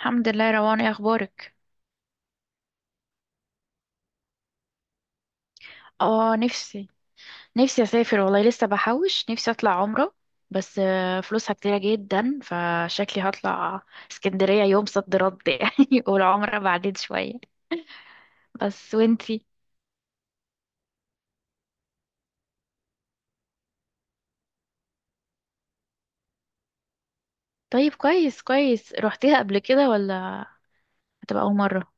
الحمد لله يا روان، ايه اخبارك؟ اه، نفسي اسافر والله، لسه بحوش نفسي اطلع عمره. بس فلوسها كتيرة جدا، فشكلي هطلع اسكندرية يوم صد رد يعني والعمرة بعدين شوية. بس وانتي؟ طيب، كويس كويس. روحتيها قبل كده، ولا هتبقى اول مرة؟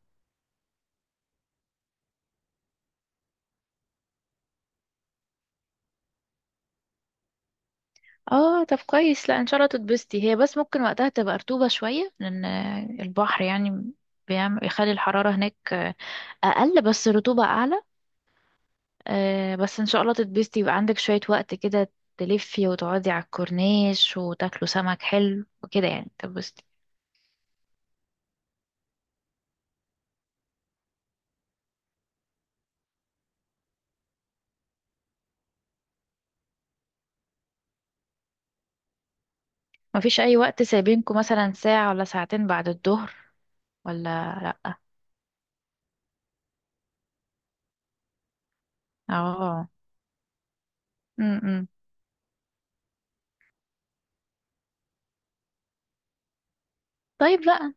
اه، طب كويس. لا ان شاء الله تتبسطي، هي بس ممكن وقتها تبقى رطوبة شوية، لان البحر يعني بيعمل يخلي الحرارة هناك اقل، بس الرطوبة اعلى. آه بس ان شاء الله تتبسطي. يبقى عندك شوية وقت كده، تلفي وتقعدي على الكورنيش وتاكلوا سمك حلو وكده، يعني تتبسطي. مفيش اي وقت سايبينكم، مثلا ساعة ولا ساعتين بعد الظهر، ولا لا؟ اه. امم طيب. لا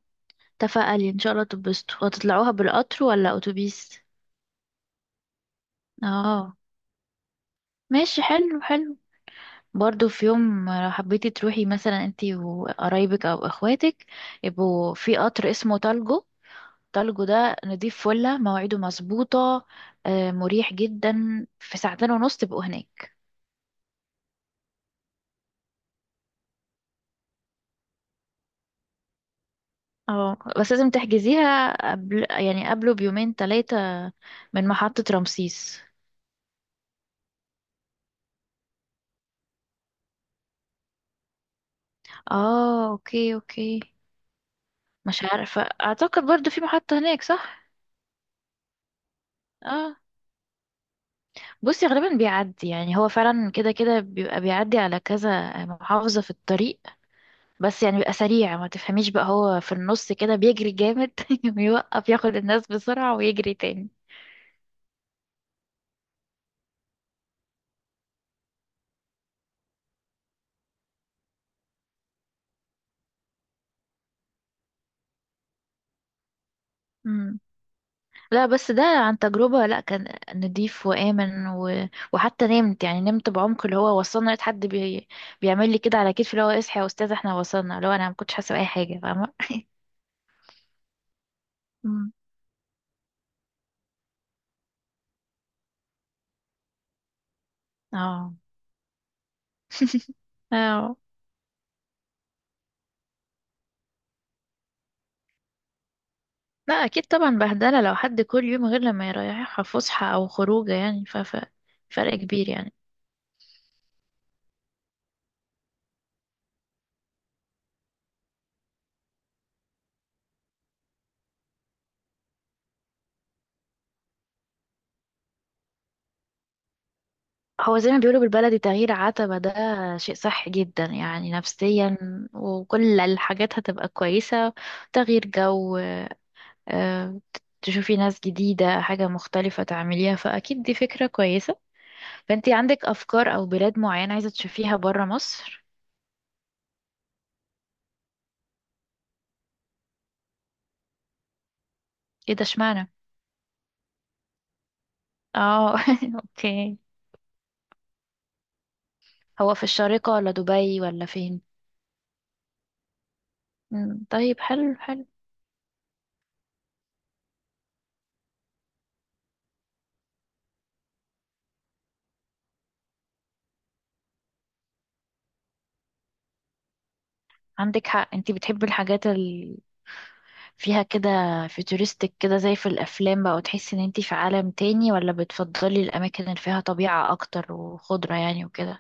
تفائلي، ان شاء الله تتبسطوا. وتطلعوها بالقطر ولا اتوبيس؟ اه، ماشي. حلو حلو. برضو في يوم لو حبيتي تروحي مثلا انتي وقرايبك او اخواتك، يبقوا في قطر اسمه تالجو. تالجو ده نضيف، فله مواعيده مظبوطة، مريح جدا، في ساعتين ونص تبقوا هناك. اه بس لازم تحجزيها قبل، يعني قبله بيومين ثلاثة، من محطة رمسيس. اه اوكي اوكي. مش عارفة، اعتقد برضو في محطة هناك صح. اه، بصي غالبا بيعدي، يعني هو فعلا كده كده بيبقى بيعدي على كذا محافظة في الطريق، بس يعني بيبقى سريع، ما تفهميش بقى، هو في النص كده بيجري جامد ويوقف ياخد الناس بسرعة ويجري تاني. مم. لا بس ده عن تجربة، لا كان نضيف وآمن وحتى نمت، يعني نمت بعمق، اللي هو وصلنا لقيت حد بيعمل لي كده على كتفي، اللي هو اصحى يا أستاذ احنا وصلنا، اللي هو أنا ما كنتش حاسة بأي حاجة فاهمة. مم. اه. اه. لا أكيد طبعا بهدلة، لو حد كل يوم غير لما يريحها فسحة أو خروجة يعني فرق كبير يعني. هو زي ما بيقولوا بالبلدي، تغيير عتبة ده شيء صح جدا يعني، نفسيا وكل الحاجات هتبقى كويسة. تغيير جو، آه، تشوفي ناس جديدة، حاجة مختلفة تعمليها، فأكيد دي فكرة كويسة. فأنتي عندك أفكار أو بلاد معينة عايزة تشوفيها برا مصر؟ ايه ده، اشمعنى؟ اه اوكي. هو في الشارقة ولا دبي ولا فين؟ مم، طيب حلو حلو. عندك حق، انتي بتحبي الحاجات فيها كده، فيوتوريستك كده، زي في الافلام بقى، وتحسي ان انتي في عالم تاني، ولا بتفضلي الاماكن اللي فيها طبيعة اكتر وخضرة يعني وكده؟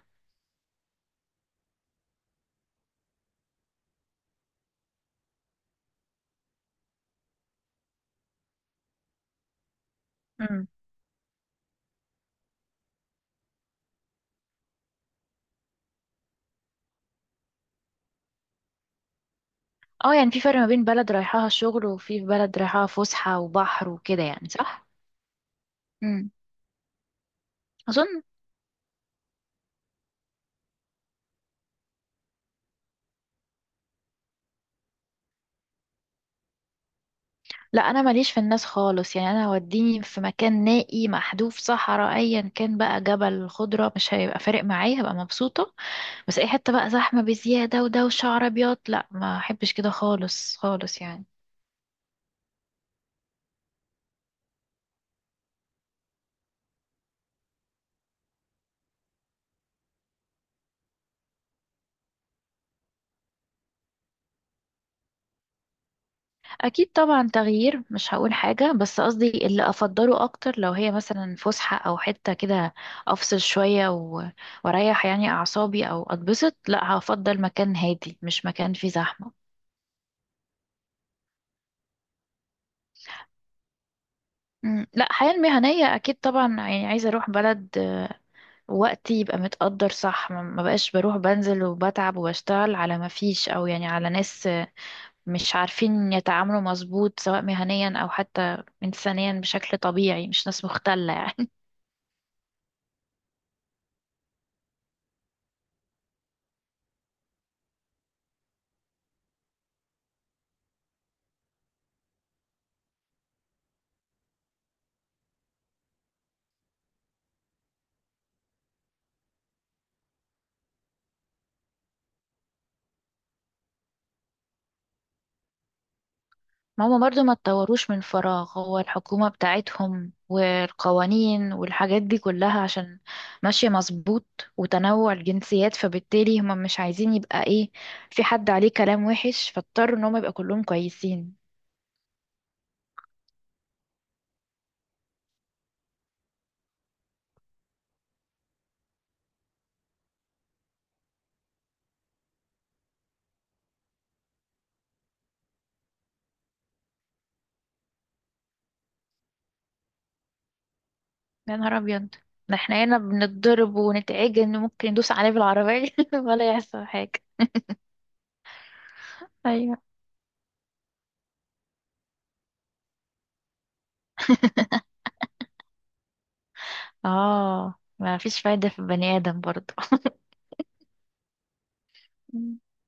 امم اه. يعني في فرق ما بين بلد رايحاها شغل، وفي بلد رايحاها فسحة وبحر وكده، يعني صح. امم اظن لا، انا ماليش في الناس خالص يعني، انا وديني في مكان نائي محذوف، صحراء ايا كان بقى، جبل، خضرة، مش هيبقى فارق معايا، هبقى مبسوطة. بس اي حتة بقى زحمة بزيادة ودوشة عربيات، لا ما احبش كده خالص خالص يعني. اكيد طبعا تغيير مش هقول حاجه، بس قصدي اللي افضله اكتر، لو هي مثلا فسحه او حته كده افصل شويه واريح يعني اعصابي او اتبسط، لا هفضل مكان هادي مش مكان فيه زحمه. مم. لا الحياه المهنيه اكيد طبعا، يعني عايزه اروح بلد وقتي يبقى متقدر صح، ما بقاش بروح بنزل وبتعب وبشتغل على ما فيش، او يعني على ناس مش عارفين يتعاملوا مظبوط، سواء مهنيا او حتى انسانيا بشكل طبيعي، مش ناس مختله يعني. ما هما برضو ما اتطوروش من فراغ، هو الحكومة بتاعتهم والقوانين والحاجات دي كلها عشان ماشية مظبوط، وتنوع الجنسيات، فبالتالي هما مش عايزين يبقى ايه، في حد عليه كلام وحش، فاضطروا ان هما يبقى كلهم كويسين. يا نهار ابيض، ده احنا هنا بنتضرب ونتعجن، ممكن ندوس عليه بالعربية ولا يحصل حاجة. ايوه. اه ما فيش فايدة في البني آدم برضو.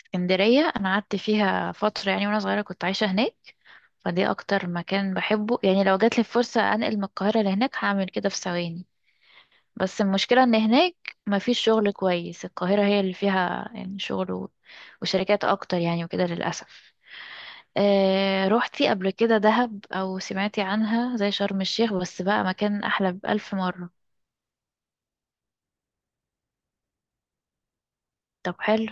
اسكندرية أنا قعدت فيها فترة يعني، وأنا صغيرة كنت عايشة هناك، فدي أكتر مكان بحبه يعني، لو جاتلي فرصة أنقل من القاهرة لهناك هعمل كده في ثواني. بس المشكلة إن هناك مفيش شغل كويس، القاهرة هي اللي فيها يعني شغل وشركات أكتر يعني وكده للأسف. آه روحتي قبل كده دهب، أو سمعتي عنها؟ زي شرم الشيخ، بس بقى مكان أحلى بألف مرة. طب حلو.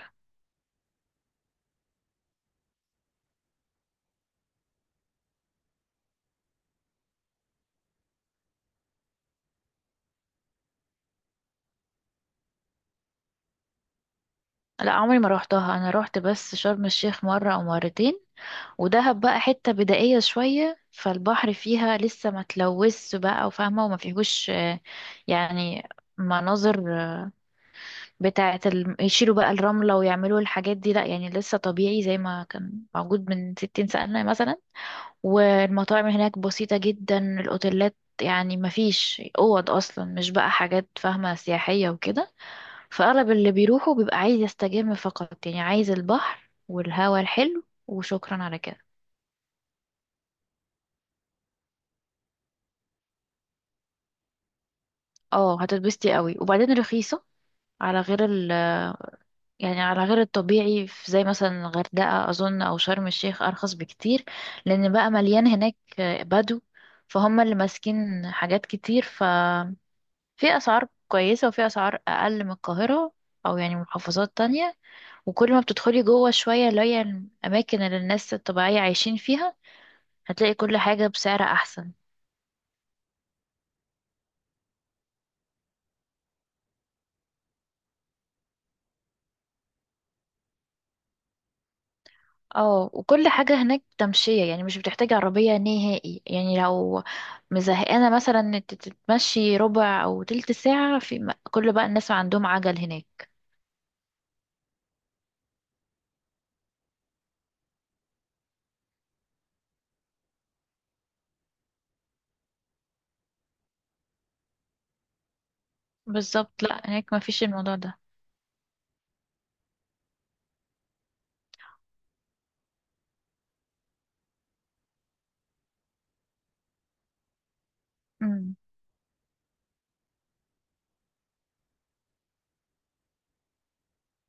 لا عمري ما روحتها، أنا روحت بس شرم الشيخ مرة أو مرتين. ودهب بقى حتة بدائية شوية، فالبحر فيها لسه ما تلوثش بقى وفاهمة، وما فيهوش يعني مناظر، بتاعة يشيلوا بقى الرملة ويعملوا الحاجات دي، لأ يعني لسه طبيعي زي ما كان موجود من 60 سنة مثلا. والمطاعم هناك بسيطة جدا، الأوتيلات يعني ما فيش أوض أصلا، مش بقى حاجات فاهمة سياحية وكده، فأغلب اللي بيروحوا بيبقى عايز يستجم فقط، يعني عايز البحر والهواء الحلو، وشكرا على كده. اه هتتبسطي قوي، وبعدين رخيصة على غير يعني على غير الطبيعي، في زي مثلا الغردقة أظن أو شرم الشيخ، أرخص بكتير، لأن بقى مليان هناك بدو، فهم اللي ماسكين حاجات كتير، ففي أسعار كويسة وفي أسعار أقل من القاهرة، أو يعني محافظات تانية. وكل ما بتدخلي جوه شوية، اللي هي الأماكن اللي الناس الطبيعية عايشين فيها، هتلاقي كل حاجة بسعر أحسن. اه وكل حاجة هناك تمشية يعني، مش بتحتاج عربية نهائي يعني، لو مزهقانة مثلا إن انت تتمشي ربع او تلت ساعة في كل بقى الناس عندهم عجل هناك. بالظبط، لا هناك ما فيش الموضوع ده. امم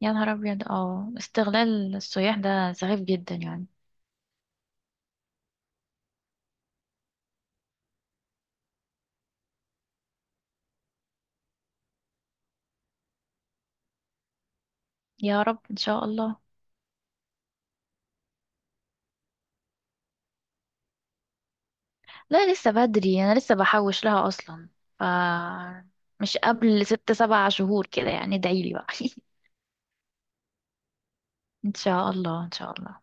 يا نهار ابيض، اه استغلال السياح ده سخيف جدا يعني. يا رب، ان شاء الله. لا لسه بدري، انا لسه بحوش لها اصلا، ف مش قبل ست سبع شهور كده يعني، ادعيلي بقى. ان شاء الله، ان شاء الله.